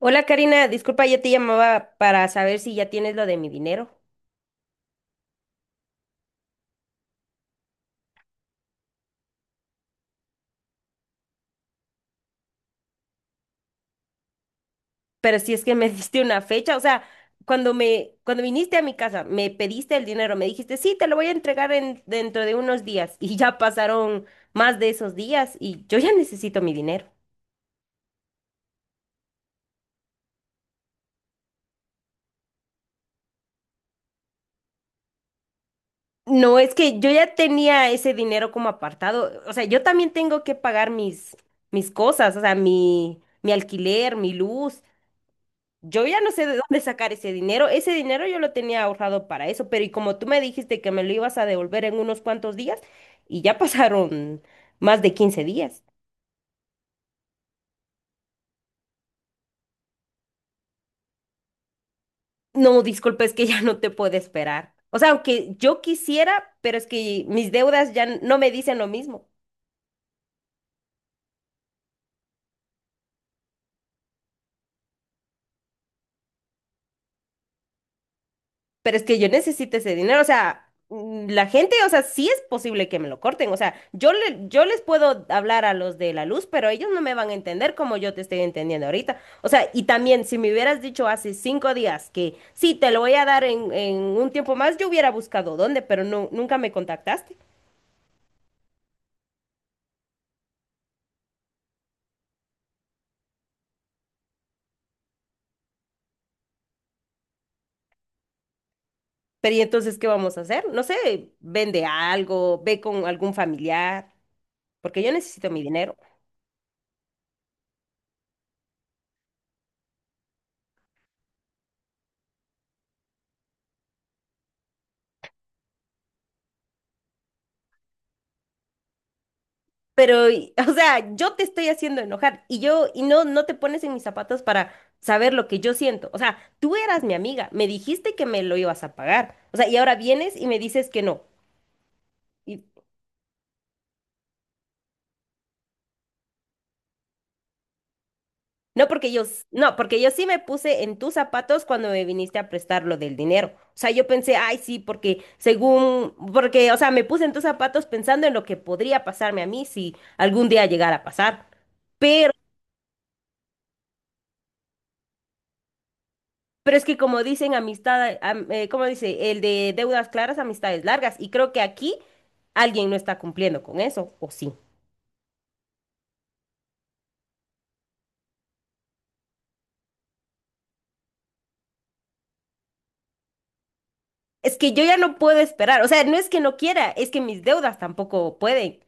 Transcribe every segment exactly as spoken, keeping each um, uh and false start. Hola Karina, disculpa, yo te llamaba para saber si ya tienes lo de mi dinero, pero si es que me diste una fecha, o sea, cuando me, cuando viniste a mi casa, me pediste el dinero, me dijiste, sí, te lo voy a entregar en, dentro de unos días, y ya pasaron más de esos días y yo ya necesito mi dinero. No, es que yo ya tenía ese dinero como apartado, o sea, yo también tengo que pagar mis, mis cosas, o sea, mi, mi alquiler, mi luz. Yo ya no sé de dónde sacar ese dinero. Ese dinero yo lo tenía ahorrado para eso, pero y como tú me dijiste que me lo ibas a devolver en unos cuantos días, y ya pasaron más de quince días. No, disculpe, es que ya no te puedo esperar. O sea, aunque yo quisiera, pero es que mis deudas ya no me dicen lo mismo. Pero es que yo necesito ese dinero, o sea, mm, la gente, o sea, sí es posible que me lo corten, o sea, yo, le, yo les puedo hablar a los de la luz, pero ellos no me van a entender como yo te estoy entendiendo ahorita, o sea, y también si me hubieras dicho hace cinco días que sí, te lo voy a dar en, en un tiempo más, yo hubiera buscado dónde, pero no, nunca me contactaste. Pero ¿y entonces qué vamos a hacer? No sé, vende algo, ve con algún familiar, porque yo necesito mi dinero. Pero, y- o sea, yo te estoy haciendo enojar y yo, y no, no te pones en mis zapatos para saber lo que yo siento. O sea, tú eras mi amiga, me dijiste que me lo ibas a pagar. O sea, y ahora vienes y me dices que no. Y, no porque yo, s- no, porque yo sí me puse en tus zapatos cuando me viniste a prestar lo del dinero. O sea, yo pensé, ay, sí, porque según, porque, o sea, me puse en tus zapatos pensando en lo que podría pasarme a mí si algún día llegara a pasar. Pero es que como dicen amistad, am- eh, ¿cómo dice? El de deudas claras, amistades largas. Y creo que aquí alguien no está cumpliendo con eso, ¿o sí? Es que yo ya no puedo esperar. O sea, no es que no quiera, es que mis deudas tampoco pueden.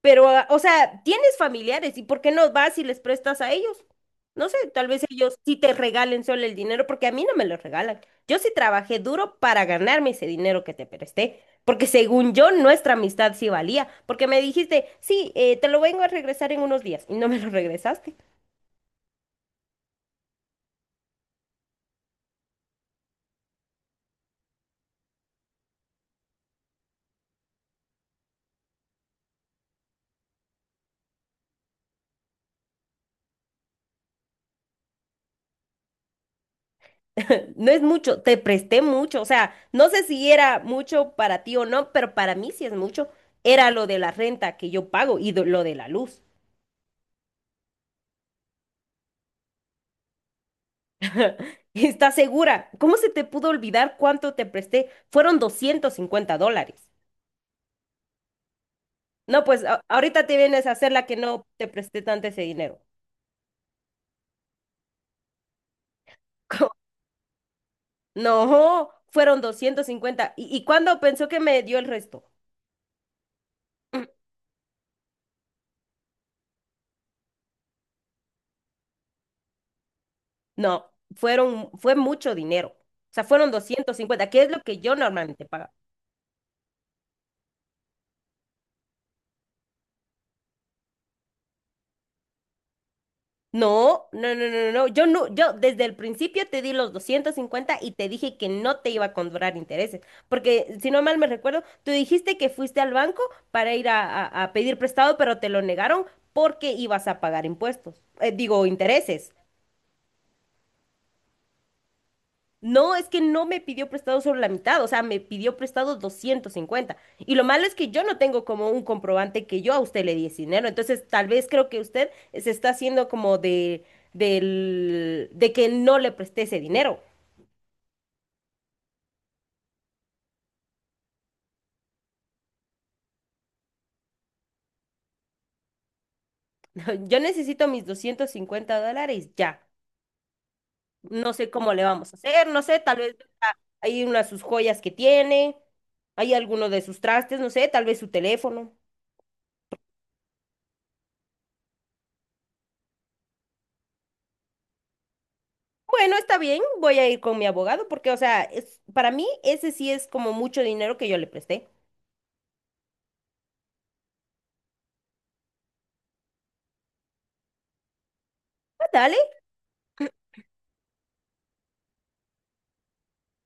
Pero, ah, o sea, tienes familiares y ¿por qué no vas y les prestas a ellos? No sé, tal vez ellos sí te regalen solo el dinero porque a mí no me lo regalan. Yo sí trabajé duro para ganarme ese dinero que te presté, porque según yo nuestra amistad sí valía, porque me dijiste, sí, eh, te lo vengo a regresar en unos días y no me lo regresaste. No es mucho, te presté mucho, o sea, no sé si era mucho para ti o no, pero para mí sí es mucho. Era lo de la renta que yo pago y do- lo de la luz. ¿Estás segura? ¿Cómo se te pudo olvidar cuánto te presté? Fueron doscientos cincuenta dólares. No, pues a- ahorita te vienes a hacer la que no te presté tanto ese dinero. ¿Cómo? No, fueron doscientos cincuenta. ¿Y, y cuándo pensó que me dio el resto? No, fueron, fue mucho dinero. O sea, fueron doscientos cincuenta, que es lo que yo normalmente pagaba. No, no, no, no, no. Yo no, yo desde el principio te di los doscientos cincuenta y te dije que no te iba a cobrar intereses, porque si no mal me recuerdo, tú dijiste que fuiste al banco para ir a, a- a pedir prestado, pero te lo negaron porque ibas a pagar impuestos, eh, digo, intereses. No, es que no me pidió prestado solo la mitad, o sea, me pidió prestado doscientos cincuenta. Y lo malo es que yo no tengo como un comprobante que yo a usted le di ese dinero. Entonces, tal vez creo que usted se está haciendo como de, del, de que no le presté ese dinero. Yo necesito mis doscientos cincuenta dólares ya. No sé cómo le vamos a hacer, no sé, tal vez ah, hay una de sus joyas que tiene, hay alguno de sus trastes, no sé, tal vez su teléfono. Bueno, está bien, voy a ir con mi abogado porque, o sea, es, para mí ese sí es como mucho dinero que yo le presté. Ah, dale,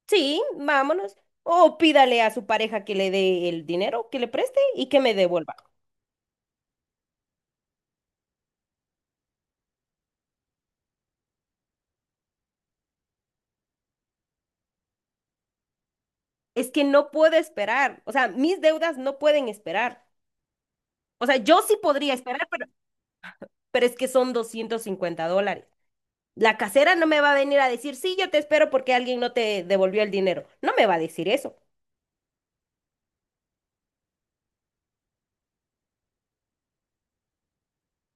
sí, vámonos. O pídale a su pareja que le dé el dinero que le preste y que me devuelva. Es que no puedo esperar, o sea, mis deudas no pueden esperar. O sea, yo sí podría esperar, pero, pero es que son doscientos cincuenta dólares. La casera no me va a venir a decir, sí, yo te espero porque alguien no te devolvió el dinero. No me va a decir eso.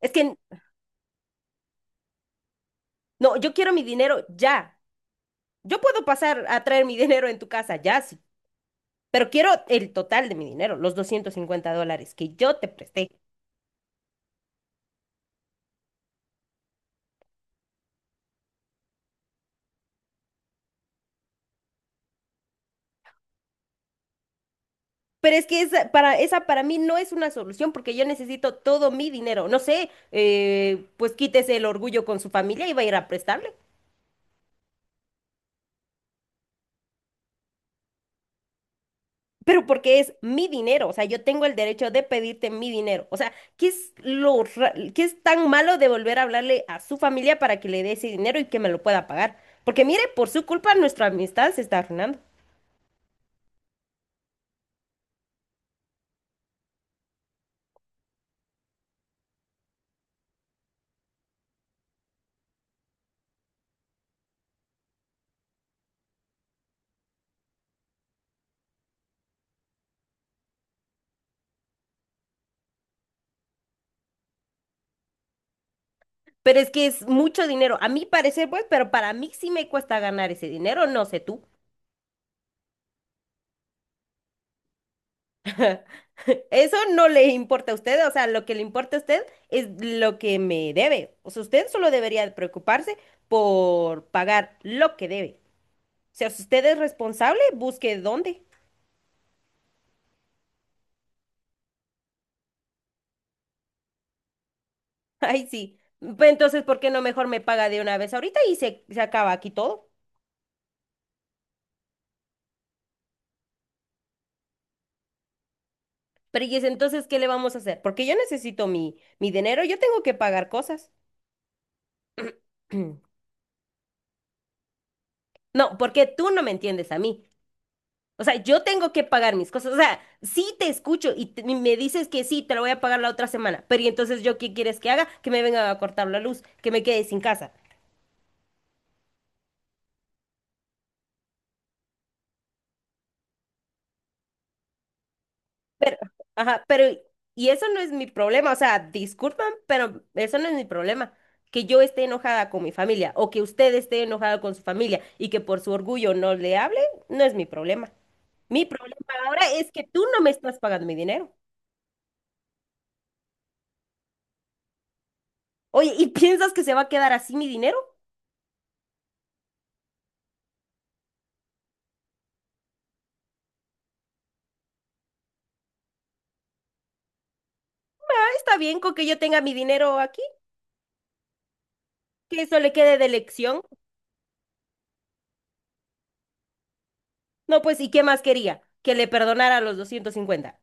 Es que no, yo quiero mi dinero ya. Yo puedo pasar a traer mi dinero en tu casa, ya sí, pero quiero el total de mi dinero, los doscientos cincuenta dólares que yo te presté. Pero es que esa para, esa para mí no es una solución porque yo necesito todo mi dinero. No sé, eh, pues quítese el orgullo con su familia y va a ir a prestarle. Pero porque es mi dinero, o sea, yo tengo el derecho de pedirte mi dinero. O sea, ¿qué es lo, ra- qué es tan malo de volver a hablarle a su familia para que le dé ese dinero y que me lo pueda pagar? Porque mire, por su culpa nuestra amistad se está arruinando. Pero es que es mucho dinero, a mi parecer, pues, pero para mí sí me cuesta ganar ese dinero, no sé tú. Eso no le importa a usted, o sea, lo que le importa a usted es lo que me debe. O sea, usted solo debería de preocuparse por pagar lo que debe. O sea, si usted es responsable, busque dónde. Ay, sí. Pues entonces, ¿por qué no mejor me paga de una vez ahorita y se, se acaba aquí todo? Pero y es entonces, ¿qué le vamos a hacer? Porque yo necesito mi, mi dinero, yo tengo que pagar cosas. No, porque tú no me entiendes a mí. O sea, yo tengo que pagar mis cosas. O sea, sí te escucho y, te- y me dices que sí, te lo voy a pagar la otra semana. Pero ¿y entonces yo qué quieres que haga? Que me venga a cortar la luz, que me quede sin casa. Ajá, pero y eso no es mi problema. O sea, disculpan, pero eso no es mi problema. Que yo esté enojada con mi familia o que usted esté enojada con su familia y que por su orgullo no le hable, no es mi problema. Mi problema ahora es que tú no me estás pagando mi dinero. Oye, ¿y piensas que se va a quedar así mi dinero? Ah, está bien con que yo tenga mi dinero aquí. Que eso le quede de lección. No, pues, ¿y qué más quería? Que le perdonara los doscientos cincuenta.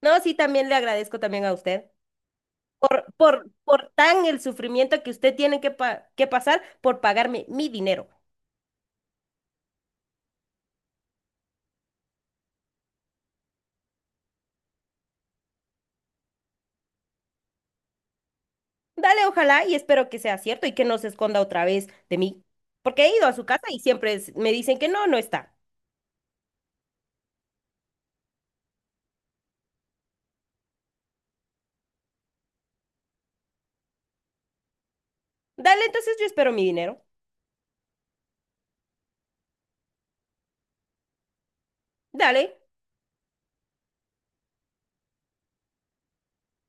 No, sí, también le agradezco también a usted por, por, por tan el sufrimiento que usted tiene que, pa- que pasar por pagarme mi dinero. Dale, ojalá, y espero que sea cierto y que no se esconda otra vez de mí. Porque he ido a su casa y siempre es- me dicen que no, no está. Dale, entonces yo espero mi dinero. Dale.